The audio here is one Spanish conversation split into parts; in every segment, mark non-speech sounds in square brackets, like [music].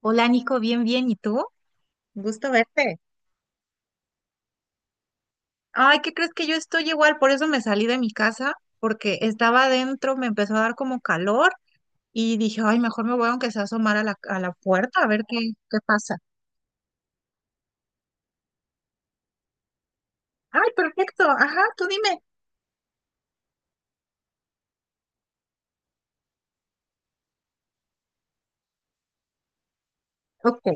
Hola Nico, bien, bien, ¿y tú? Gusto verte. Ay, ¿qué crees que yo estoy igual? Por eso me salí de mi casa, porque estaba adentro, me empezó a dar como calor y dije, ay, mejor me voy aunque sea a asomar a la puerta a ver qué, qué pasa. Ay, perfecto, ajá, tú dime. Ok.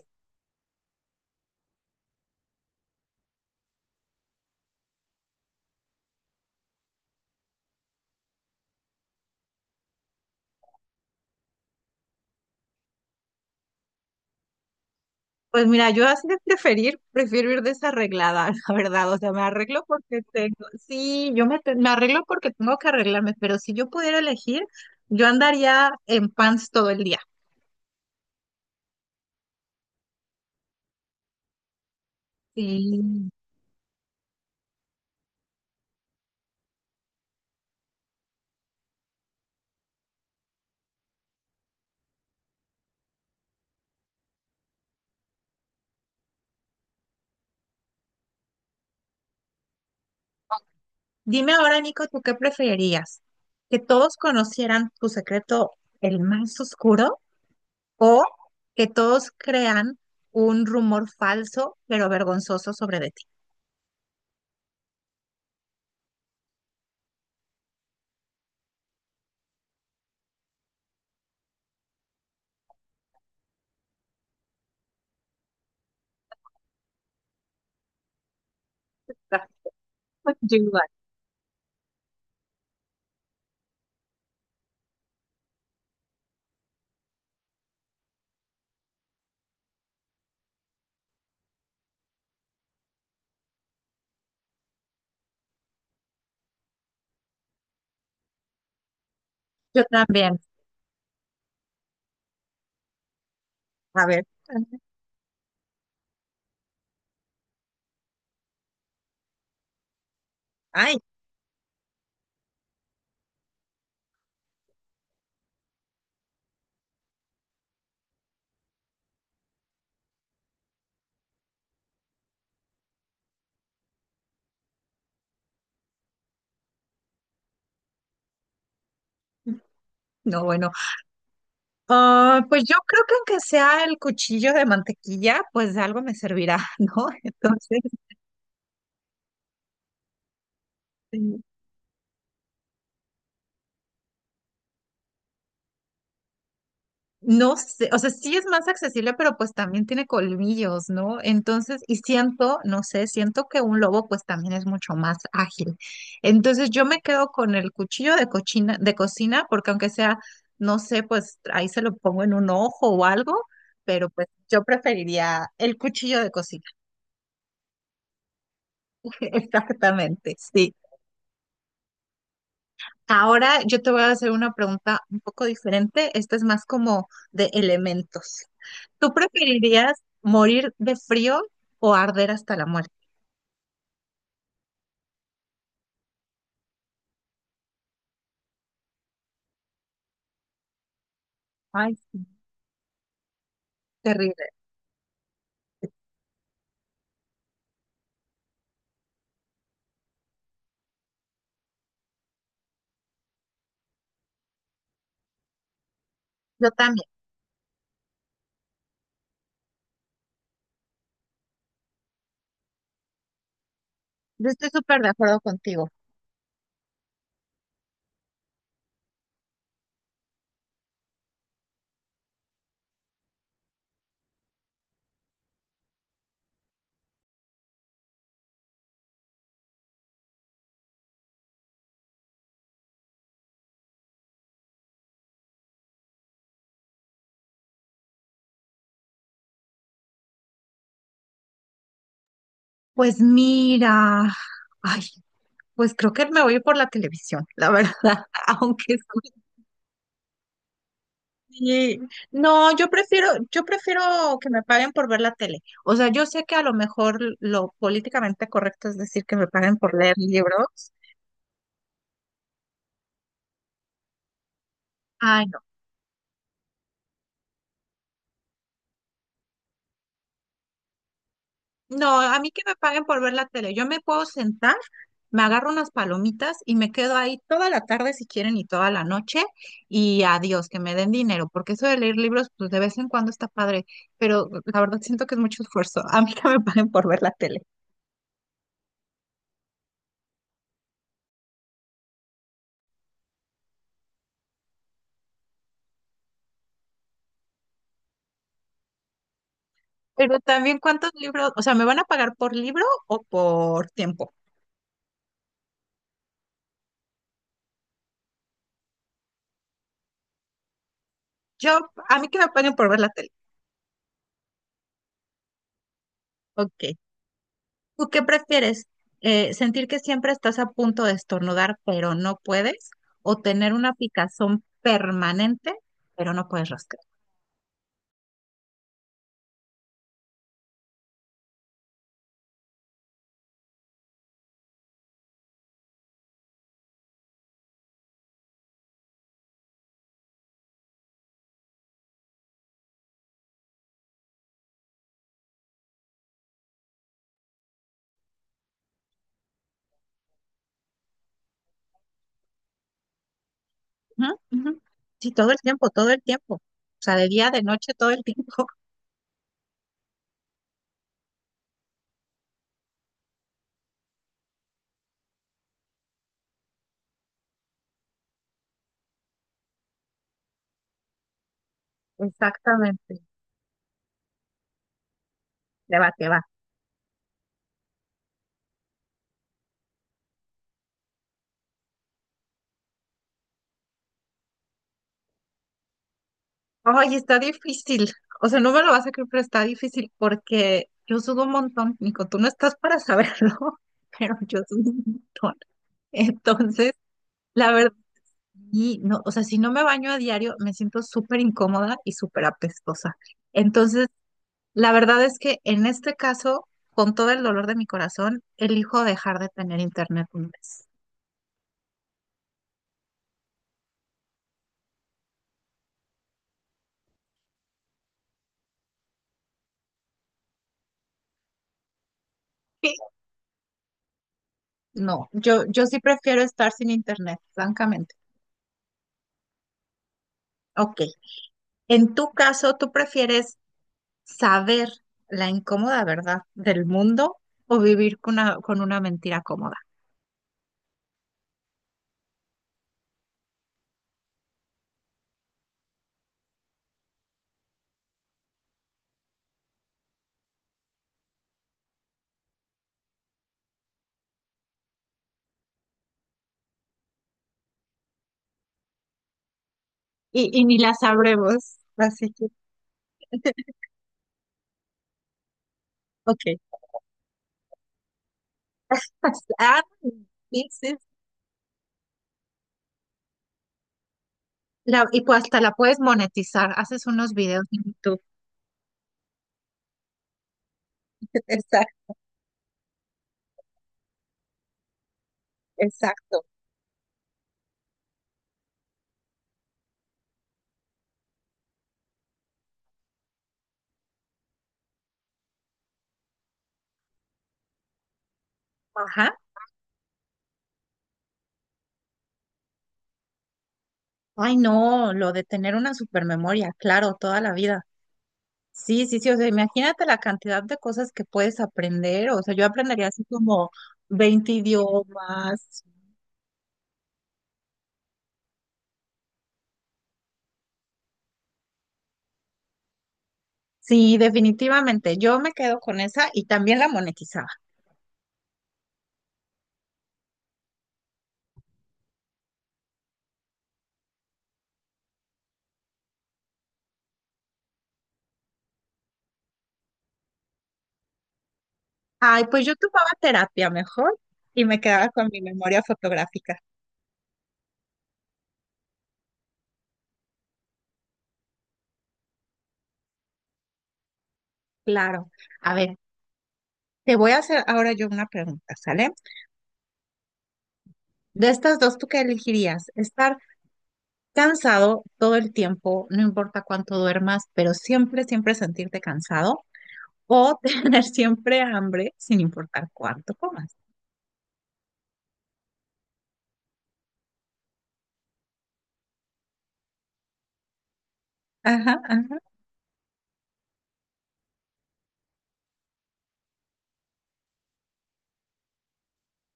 Pues mira, yo así de preferir, prefiero ir desarreglada, [laughs] la verdad. O sea, me arreglo porque tengo, sí, me arreglo porque tengo que arreglarme, pero si yo pudiera elegir, yo andaría en pants todo el día. Sí. Dime ahora, Nico, ¿tú qué preferirías? ¿Que todos conocieran tu secreto, el más oscuro, o que todos crean un rumor falso pero vergonzoso sobre de ti? [laughs] Yo igual. Yo también. A ver. Ay, no, bueno. Ah, pues yo creo que aunque sea el cuchillo de mantequilla, pues de algo me servirá, [laughs] ¿no? Entonces, este, no sé, o sea, sí es más accesible, pero pues también tiene colmillos, ¿no? Entonces, y siento, no sé, siento que un lobo pues también es mucho más ágil. Entonces, yo me quedo con el cuchillo de cocina, porque aunque sea, no sé, pues ahí se lo pongo en un ojo o algo, pero pues yo preferiría el cuchillo de cocina. [laughs] Exactamente, sí. Ahora yo te voy a hacer una pregunta un poco diferente. Esta es más como de elementos. ¿Tú preferirías morir de frío o arder hasta la muerte? Ay, sí, terrible. Yo también. Yo estoy súper de acuerdo contigo. Pues mira, ay, pues creo que me voy por la televisión, la verdad, [laughs] aunque sí. No, yo prefiero que me paguen por ver la tele. O sea, yo sé que a lo mejor lo políticamente correcto es decir que me paguen por leer libros. Ay, no. No, a mí que me paguen por ver la tele. Yo me puedo sentar, me agarro unas palomitas y me quedo ahí toda la tarde si quieren y toda la noche y adiós, que me den dinero, porque eso de leer libros, pues de vez en cuando está padre, pero la verdad siento que es mucho esfuerzo. A mí que me paguen por ver la tele. Pero también cuántos libros, o sea, ¿me van a pagar por libro o por tiempo? Yo, a mí que me paguen por ver la tele. Ok. ¿Tú qué prefieres? ¿Sentir que siempre estás a punto de estornudar, pero no puedes? ¿O tener una picazón permanente, pero no puedes rascar? Ujú, ujú. Sí, todo el tiempo, todo el tiempo. O sea, de día, de noche, todo el tiempo. [laughs] Exactamente. Te va, te va. Ay, está difícil. O sea, no me lo vas a creer, pero está difícil porque yo sudo un montón. Nico, tú no estás para saberlo, [laughs] pero yo sudo un montón. Entonces, la verdad. Y no, o sea, si no me baño a diario, me siento súper incómoda y súper apestosa. Entonces, la verdad es que en este caso, con todo el dolor de mi corazón, elijo dejar de tener internet un mes. [laughs] No, yo sí prefiero estar sin internet, francamente. Ok. En tu caso, ¿tú prefieres saber la incómoda verdad del mundo o vivir con una mentira cómoda? Y ni la sabremos. Así que, ok. Pues, ah, sí, sí. La- y pues hasta la puedes monetizar, haces unos videos en YouTube. [laughs] Exacto, exacto. Ajá. Ay, no, lo de tener una supermemoria, claro, toda la vida. Sí, sí, sí, o sea, imagínate la cantidad de cosas que puedes aprender, o sea, yo aprendería así como 20 idiomas. Sí, definitivamente, yo me quedo con esa y también la monetizaba. Ay, pues yo tomaba terapia mejor y me quedaba con mi memoria fotográfica. Claro. A ver, te voy a hacer ahora yo una pregunta, ¿sale? De estas dos, ¿tú qué elegirías? ¿Estar cansado todo el tiempo, no importa cuánto duermas, pero siempre, siempre sentirte cansado? ¿O [laughs] tener siempre hambre sin importar cuánto comas? Ajá, ajá,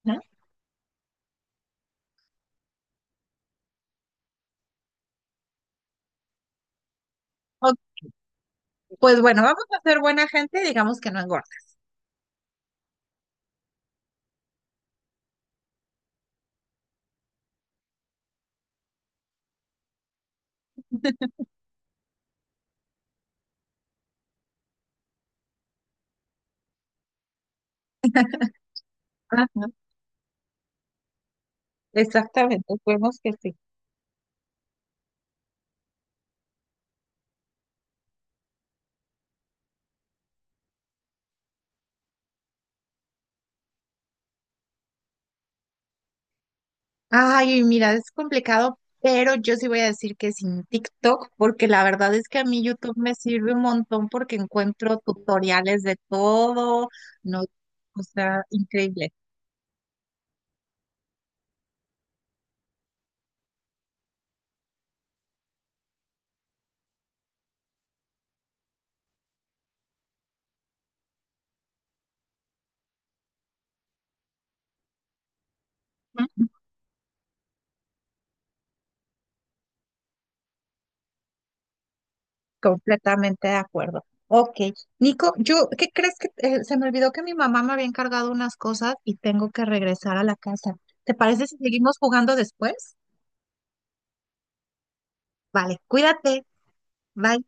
ajá. O- pues bueno, vamos a ser buena gente, digamos que no engorda. Ajá, exactamente, vemos que sí. Ay, mira, es complicado, pero yo sí voy a decir que sin TikTok, porque la verdad es que a mí YouTube me sirve un montón porque encuentro tutoriales de todo, no, o sea, increíble. ¿Mm? Completamente de acuerdo. Ok, Nico, yo, ¿qué crees que se me olvidó que mi mamá me había encargado unas cosas y tengo que regresar a la casa? ¿Te parece si seguimos jugando después? Vale, cuídate. Bye.